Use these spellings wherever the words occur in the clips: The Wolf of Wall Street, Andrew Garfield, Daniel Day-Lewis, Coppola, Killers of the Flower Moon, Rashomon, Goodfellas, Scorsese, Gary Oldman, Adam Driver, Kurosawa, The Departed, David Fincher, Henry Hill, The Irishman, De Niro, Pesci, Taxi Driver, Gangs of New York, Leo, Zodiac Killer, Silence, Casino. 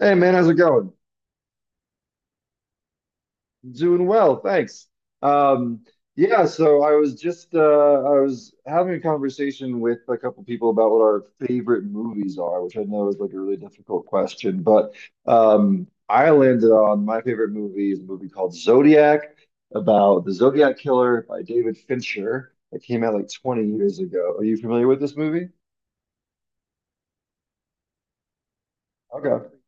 Hey man, how's it going? Doing well, thanks. Um, yeah, so I was just I was having a conversation with a couple people about what our favorite movies are, which I know is like a really difficult question, but I landed on my favorite movie is a movie called Zodiac about the Zodiac Killer by David Fincher that came out like 20 years ago. Are you familiar with this movie? Okay.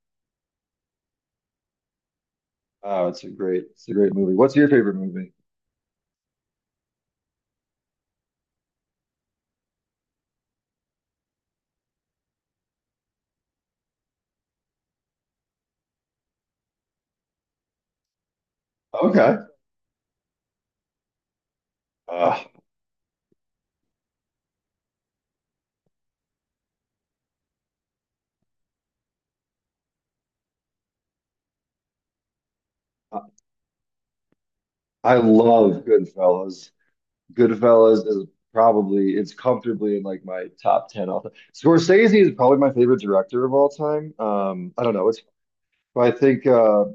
Oh, it's a great movie. What's your favorite movie? Okay. Ugh. I love Goodfellas. Goodfellas is probably it's comfortably in like my top ten all time. Scorsese is probably my favorite director of all time. I don't know. It's I think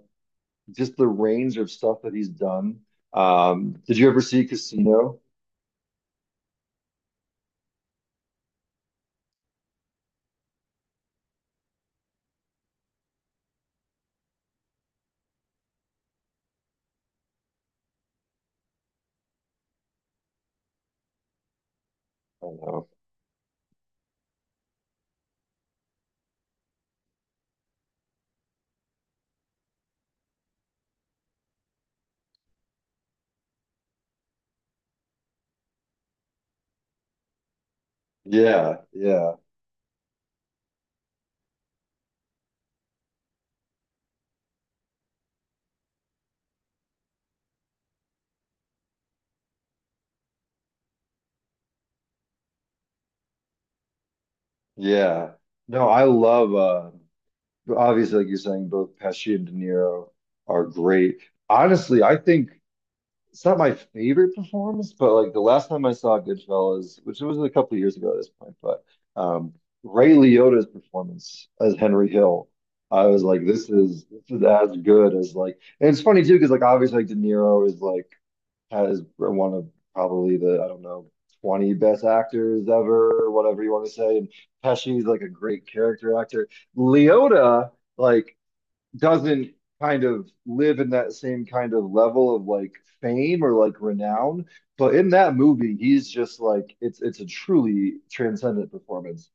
just the range of stuff that he's done. Did you ever see Casino? I don't know. Yeah, yeah, yeah. No, I love obviously like you're saying, both Pesci and De Niro are great. Honestly, I think it's not my favorite performance, but like the last time I saw Goodfellas, which was a couple of years ago at this point, but um, Ray Liotta's performance as Henry Hill, I was like, this is as good as like, and it's funny too because like obviously like De Niro is like has one of probably the I don't know. 20 best actors ever, or whatever you want to say. And Pesci's like a great character actor. Liotta like doesn't kind of live in that same kind of level of like fame or like renown. But in that movie, he's just like it's a truly transcendent performance.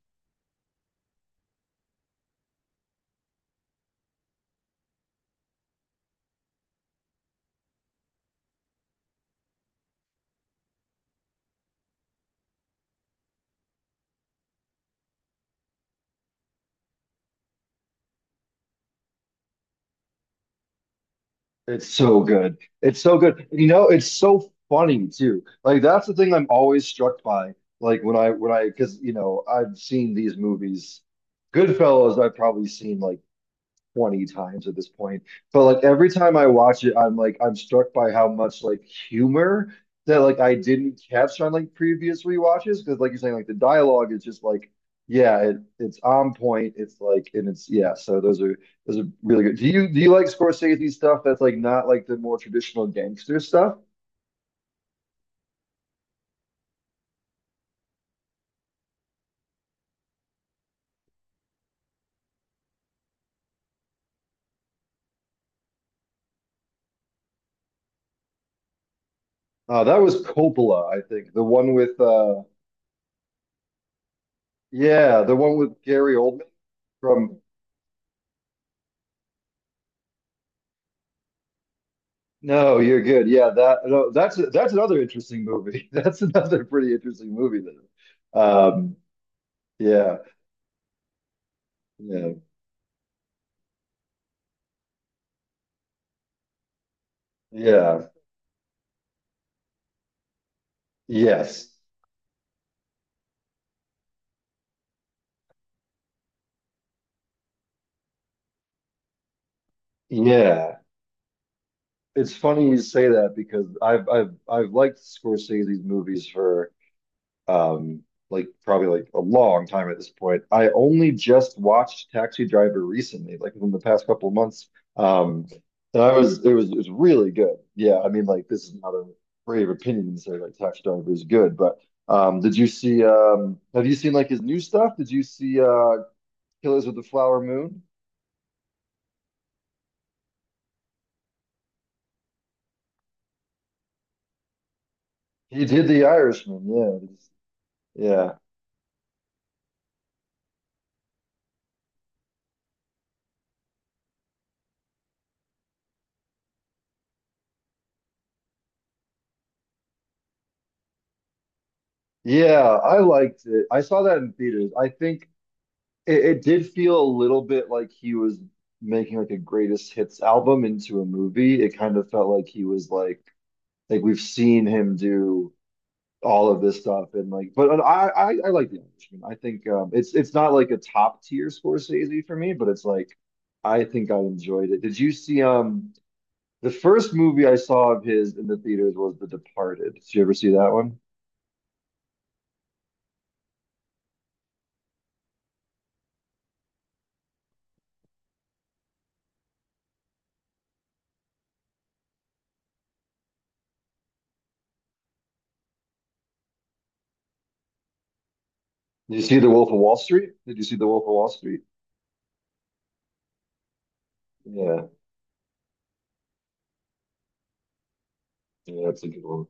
It's so good. It's so good. You know, it's so funny too. Like that's the thing I'm always struck by. Like when I because you know I've seen these movies. Goodfellas, I've probably seen like 20 times at this point. But like every time I watch it, I'm struck by how much like humor that like I didn't catch on like previous rewatches because like you're saying like the dialogue is just like it's on point it's like and it's yeah so those are really good. Do you like Scorsese stuff that's like not like the more traditional gangster stuff? That was Coppola, I think. The one with yeah, the one with Gary Oldman from. No, you're good. Yeah, that no, that's another interesting movie. That's another pretty interesting movie though. Um, yeah, yeah, yeah, yes, yeah. It's funny you say that because I've liked Scorsese's movies for um, like probably like a long time at this point. I only just watched Taxi Driver recently, like within the past couple of months. Um, and I was it was it was really good. Yeah, I mean like this is not a brave opinion to say like Taxi Driver is good, but did you see have you seen like his new stuff? Did you see Killers of the Flower Moon? He did The Irishman. Yeah, yeah, yeah. I liked it. I saw that in theaters. I think it, it did feel a little bit like he was making like a greatest hits album into a movie. It kind of felt like he was like we've seen him do all of this stuff and like but I like The Irishman. I think it's not like a top tier Scorsese for me, but it's like I think I enjoyed it. Did you see the first movie I saw of his in the theaters was The Departed. Did you ever see that one? Did you see The Wolf of Wall Street? Yeah, yeah, that's a good one.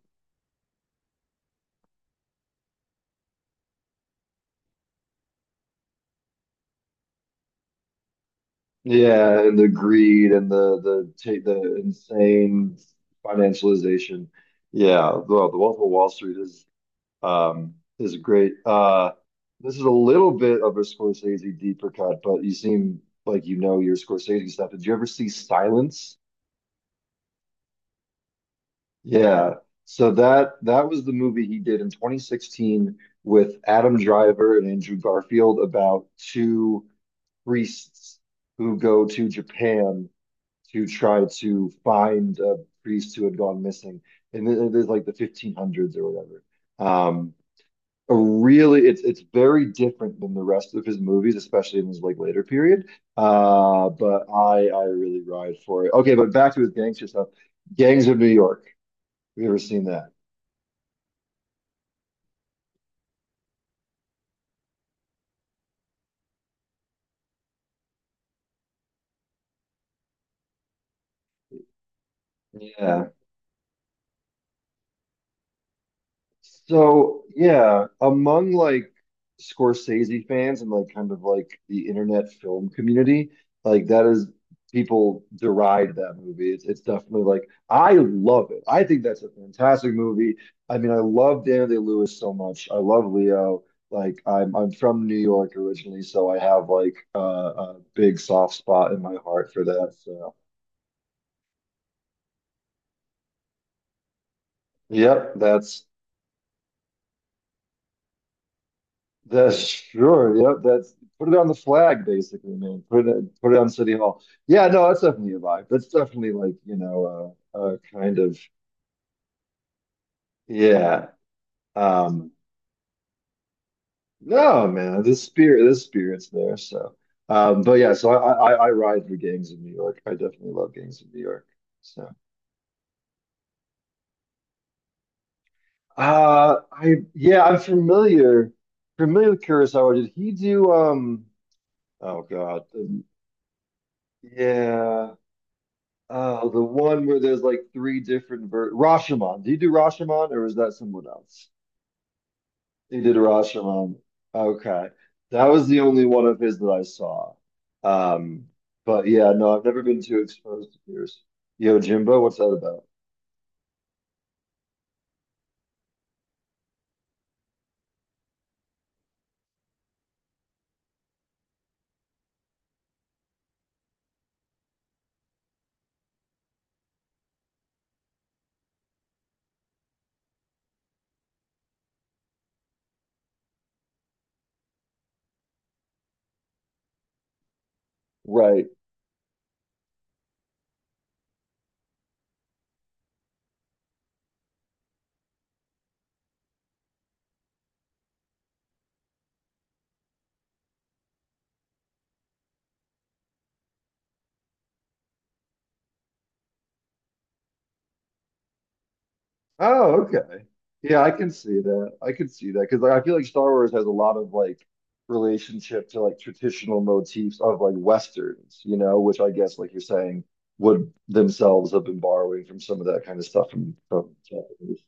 Yeah, and the greed and the the insane financialization. Yeah, well, the Wolf of Wall Street is great. This is a little bit of a Scorsese deeper cut, but you seem like you know your Scorsese stuff. Did you ever see Silence? Yeah. So that that was the movie he did in 2016 with Adam Driver and Andrew Garfield about two priests who go to Japan to try to find a priest who had gone missing. And it is like the 1500s or whatever. Um, a really, it's very different than the rest of his movies, especially in his like later period. But I really ride for it. Okay, but back to his gangster stuff. Gangs of New York. Have you ever seen that? Yeah. So yeah, among like Scorsese fans and like kind of like the internet film community, like that is people deride that movie. It's definitely like I love it. I think that's a fantastic movie. I mean, I love Daniel Day-Lewis so much. I love Leo. Like I'm from New York originally, so I have like a big soft spot in my heart for that. So yep, that's sure. Yep. That's put it on the flag, basically, man. Put it on City Hall. Yeah, no, that's definitely a vibe. That's definitely like, you know, kind of yeah. Um no, man, the spirit's there. So but yeah, so I ride for gangs in New York. I definitely love gangs in New York. So I yeah, I'm familiar familiar with Kurosawa. Did he do um oh God. Yeah. Oh, the one where there's like three different ver Rashomon. Did you do Rashomon or was that someone else? He did Rashomon. Okay. That was the only one of his that I saw. Um, but yeah, no, I've never been too exposed to yours. Yo, Jimbo, what's that about? Right. Oh, okay. Yeah, I can see that. I can see that because like, I feel like Star Wars has a lot of like relationship to like traditional motifs of like Westerns, you know, which I guess like you're saying would themselves have been borrowing from some of that kind of stuff from Japanese.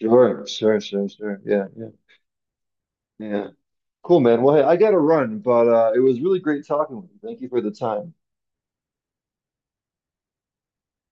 Sure. Yeah, yeah. Cool, man. Well, hey, I gotta run, but it was really great talking with you. Thank you for the time.